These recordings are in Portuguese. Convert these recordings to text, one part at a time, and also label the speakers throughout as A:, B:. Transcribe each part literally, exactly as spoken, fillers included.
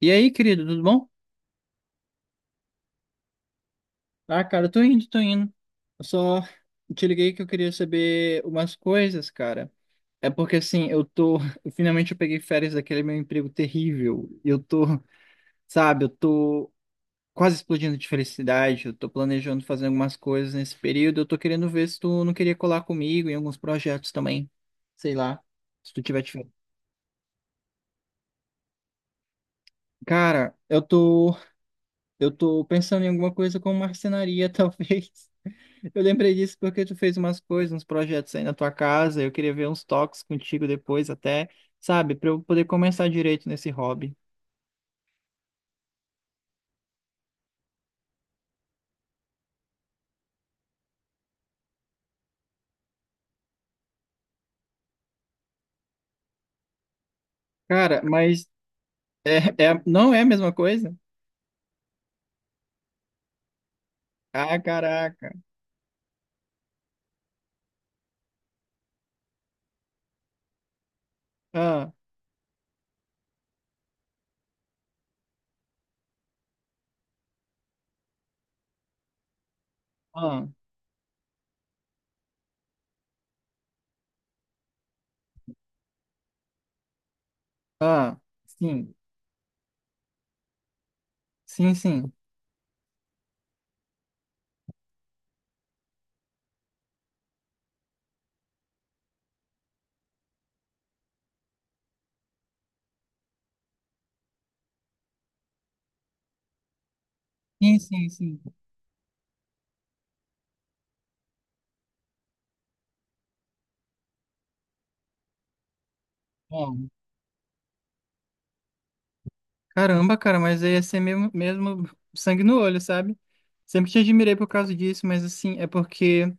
A: E aí, querido, tudo bom? Ah, cara, eu tô indo, tô indo. Eu só te liguei que eu queria saber umas coisas, cara. É porque assim, eu tô. Finalmente eu peguei férias daquele meu emprego terrível. E eu tô, sabe, eu tô quase explodindo de felicidade. Eu tô planejando fazer algumas coisas nesse período. Eu tô querendo ver se tu não queria colar comigo em alguns projetos também. Sei lá, se tu tiver. De Cara, eu tô. Eu tô pensando em alguma coisa com marcenaria, talvez. Eu lembrei disso porque tu fez umas coisas, uns projetos aí na tua casa. Eu queria ver uns toques contigo depois, até, sabe, para eu poder começar direito nesse hobby. Cara, mas é, é- não é a mesma coisa? Ah, caraca. Ah, ah, ah. Sim, sim, sim. Sim, sim, sim. Ah. Caramba, cara, mas aí ia ser mesmo, mesmo sangue no olho, sabe? Sempre te admirei por causa disso, mas assim, é porque.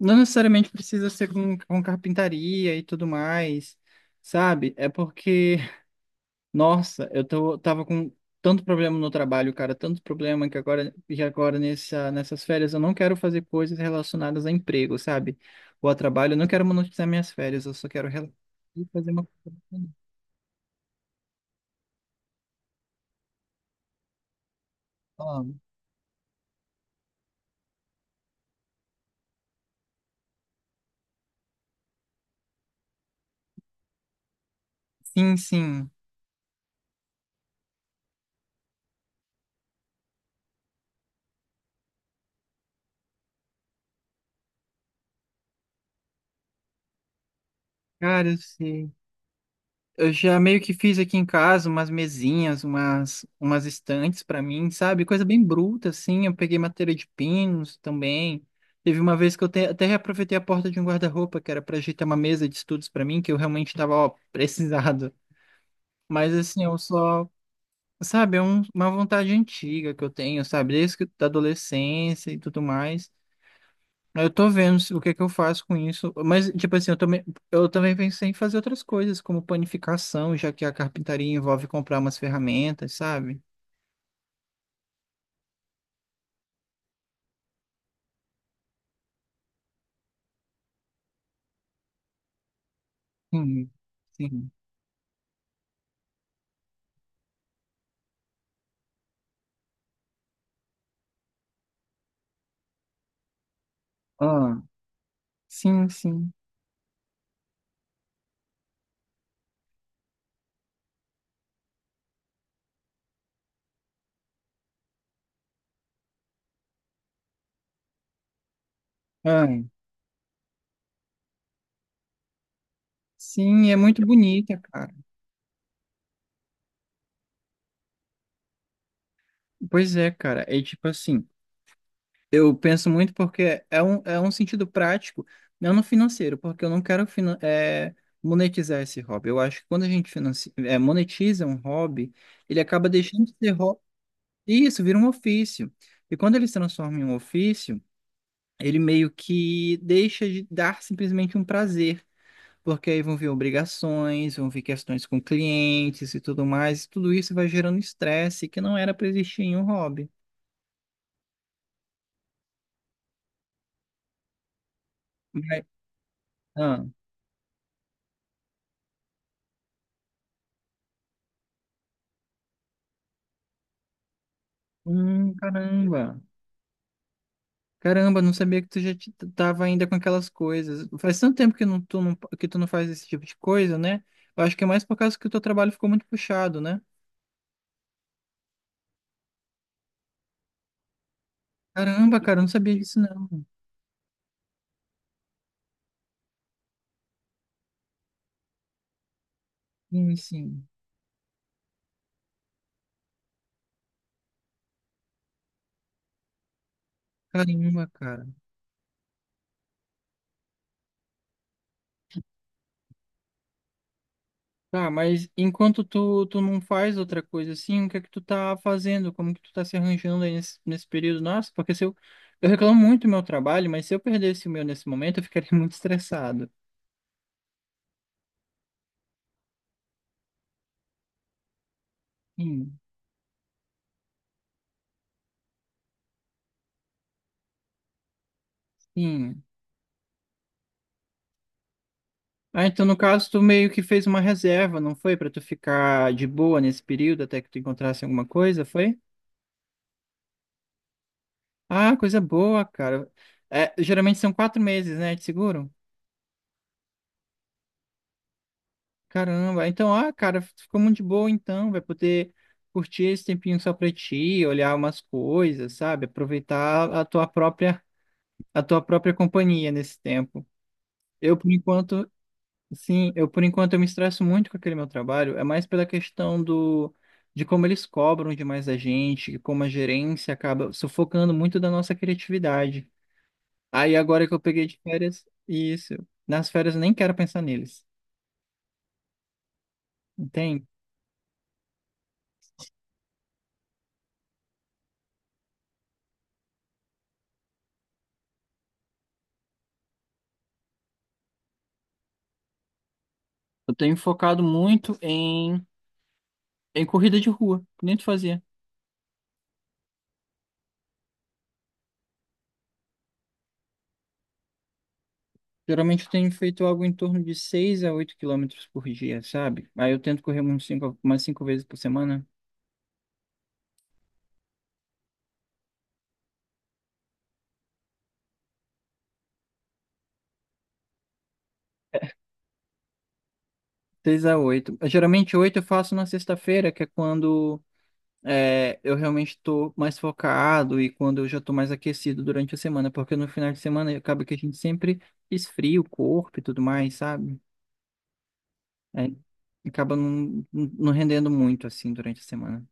A: Não necessariamente precisa ser com, com carpintaria e tudo mais, sabe? É porque, nossa, eu tô, tava com tanto problema no trabalho, cara, tanto problema que agora, que agora nessa, nessas férias eu não quero fazer coisas relacionadas a emprego, sabe? Ou a trabalho, eu não quero monetizar minhas férias, eu só quero rela- e fazer uma coisa bacana. Ah, sim, sim. Cara, eu sei. Eu já meio que fiz aqui em casa umas mesinhas, umas, umas estantes para mim, sabe? Coisa bem bruta, assim. Eu peguei madeira de pinos também. Teve uma vez que eu te- até reaproveitei a porta de um guarda-roupa, que era para ajeitar uma mesa de estudos para mim, que eu realmente estava, ó, precisado. Mas, assim, eu só. Sabe? É um- uma vontade antiga que eu tenho, sabe? Desde que- da adolescência e tudo mais. Eu tô vendo se- o que que eu faço com isso. Mas, tipo assim, eu também, eu também pensei em fazer outras coisas, como panificação, já que a carpintaria envolve comprar umas ferramentas, sabe? Sim, sim. Ah, sim, sim. Ah, sim, é muito bonita, cara. Pois é, cara. É tipo assim, eu penso muito porque é um, é um sentido prático, não no financeiro, porque eu não quero finan- é, monetizar esse hobby. Eu acho que quando a gente financia, é, monetiza um hobby, ele acaba deixando de ser hobby. Isso, vira um ofício. E quando ele se transforma em um ofício, ele meio que deixa de dar simplesmente um prazer, porque aí vão vir obrigações, vão vir questões com clientes e tudo mais, e tudo isso vai gerando estresse que não era para existir em um hobby. Mas, ah, hum, caramba. Caramba, não sabia que tu já te- tava ainda com aquelas coisas. Faz tanto tempo que não, tu não, que tu não faz esse tipo de coisa, né? Eu acho que é mais por causa que o teu trabalho ficou muito puxado, né? Caramba, cara, eu não sabia disso não. Sim, sim. Caramba, cara. Tá, mas enquanto tu, tu não faz outra coisa assim, o que é que tu tá fazendo? Como que tu tá se arranjando aí nesse, nesse período? Nossa, porque se eu, eu reclamo muito do meu trabalho, mas se eu perdesse o meu nesse momento, eu ficaria muito estressado. Sim, sim. Ah, então no caso tu meio que fez uma reserva, não foi? Pra tu ficar de boa nesse período até que tu encontrasse alguma coisa, foi? Ah, coisa boa, cara. É, geralmente são quatro meses, né, de seguro? Caramba, então, ah, cara, ficou muito de boa então, vai poder curtir esse tempinho só pra ti, olhar umas coisas, sabe? Aproveitar a tua própria, a tua própria companhia nesse tempo. Eu, por enquanto, sim, eu, por enquanto, eu me estresso muito com aquele meu trabalho, é mais pela questão do, de como eles cobram demais a gente, como a gerência acaba sufocando muito da nossa criatividade. Aí, agora que eu peguei de férias, isso, nas férias eu nem quero pensar neles, entende? Eu tenho focado muito em em corrida de rua, que nem tu fazia. Geralmente eu tenho feito algo em torno de seis a oito quilômetros por dia, sabe? Aí eu tento correr uns cinco, umas cinco vezes por semana. seis a oito. Geralmente oito eu faço na sexta-feira, que é quando é, eu realmente estou mais focado e quando eu já estou mais aquecido durante a semana, porque no final de semana acaba que a gente sempre esfria o corpo e tudo mais, sabe? Aí acaba não, não não rendendo muito assim durante a semana.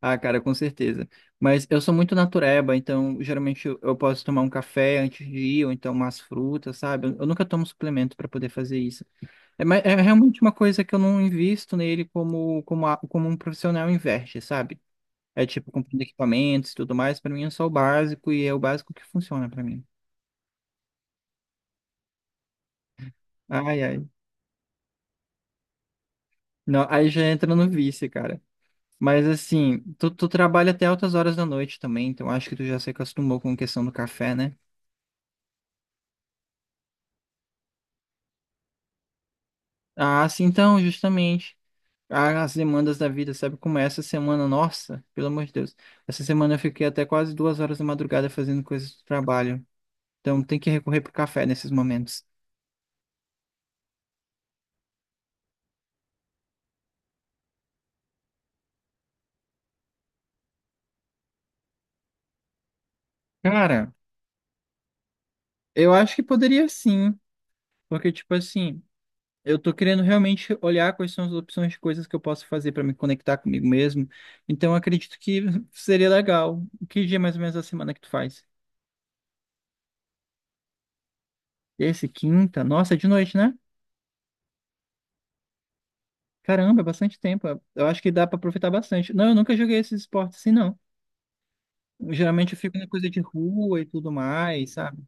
A: Ah, cara, com certeza. Mas eu sou muito natureba, então geralmente eu, eu posso tomar um café antes de ir, ou então umas frutas, sabe? Eu, eu nunca tomo suplemento para poder fazer isso. É, ma- é realmente uma coisa que eu não invisto nele como, como, a- como um profissional investe, sabe? É tipo comprando equipamentos e tudo mais, para mim é só o básico e é o básico que funciona para mim. Ai, ai. Não, aí já entra no vício, cara. Mas assim, tu, tu trabalha até altas horas da noite também, então acho que tu já se acostumou com a questão do café, né? Ah, sim, então, justamente. Ah, as demandas da vida, sabe? Como é essa semana, nossa, pelo amor de Deus. Essa semana eu fiquei até quase duas horas da madrugada fazendo coisas do trabalho. Então tem que recorrer pro café nesses momentos. Cara, eu acho que poderia sim, porque tipo assim, eu tô querendo realmente olhar quais são as opções de coisas que eu posso fazer para me conectar comigo mesmo. Então eu acredito que seria legal. Que dia mais ou menos da semana que tu faz? Esse quinta? Nossa, é de noite, né? Caramba, é bastante tempo. Eu acho que dá pra aproveitar bastante. Não, eu nunca joguei esses esportes assim, não. Geralmente eu fico na coisa de rua e tudo mais, sabe?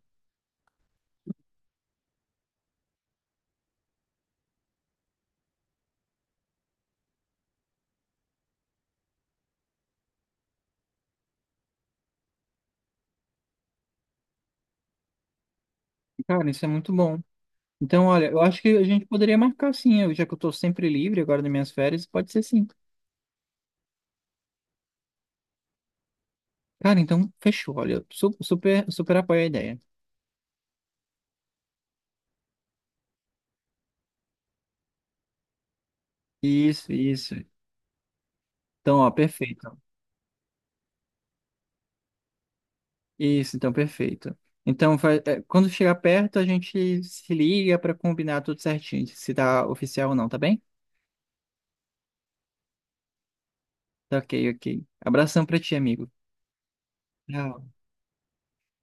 A: Cara, isso é muito bom. Então, olha, eu acho que a gente poderia marcar sim, eu- já que eu tô sempre livre agora nas minhas férias, pode ser sim. Cara, então, fechou, olha, eu su- super, super apoio a ideia. Isso, isso. Então, ó, perfeito. Isso, então, perfeito. Então, vai- é, quando chegar perto, a gente se liga pra combinar tudo certinho, se tá oficial ou não, tá bem? Tá ok, ok. Abração pra ti, amigo. Tchau.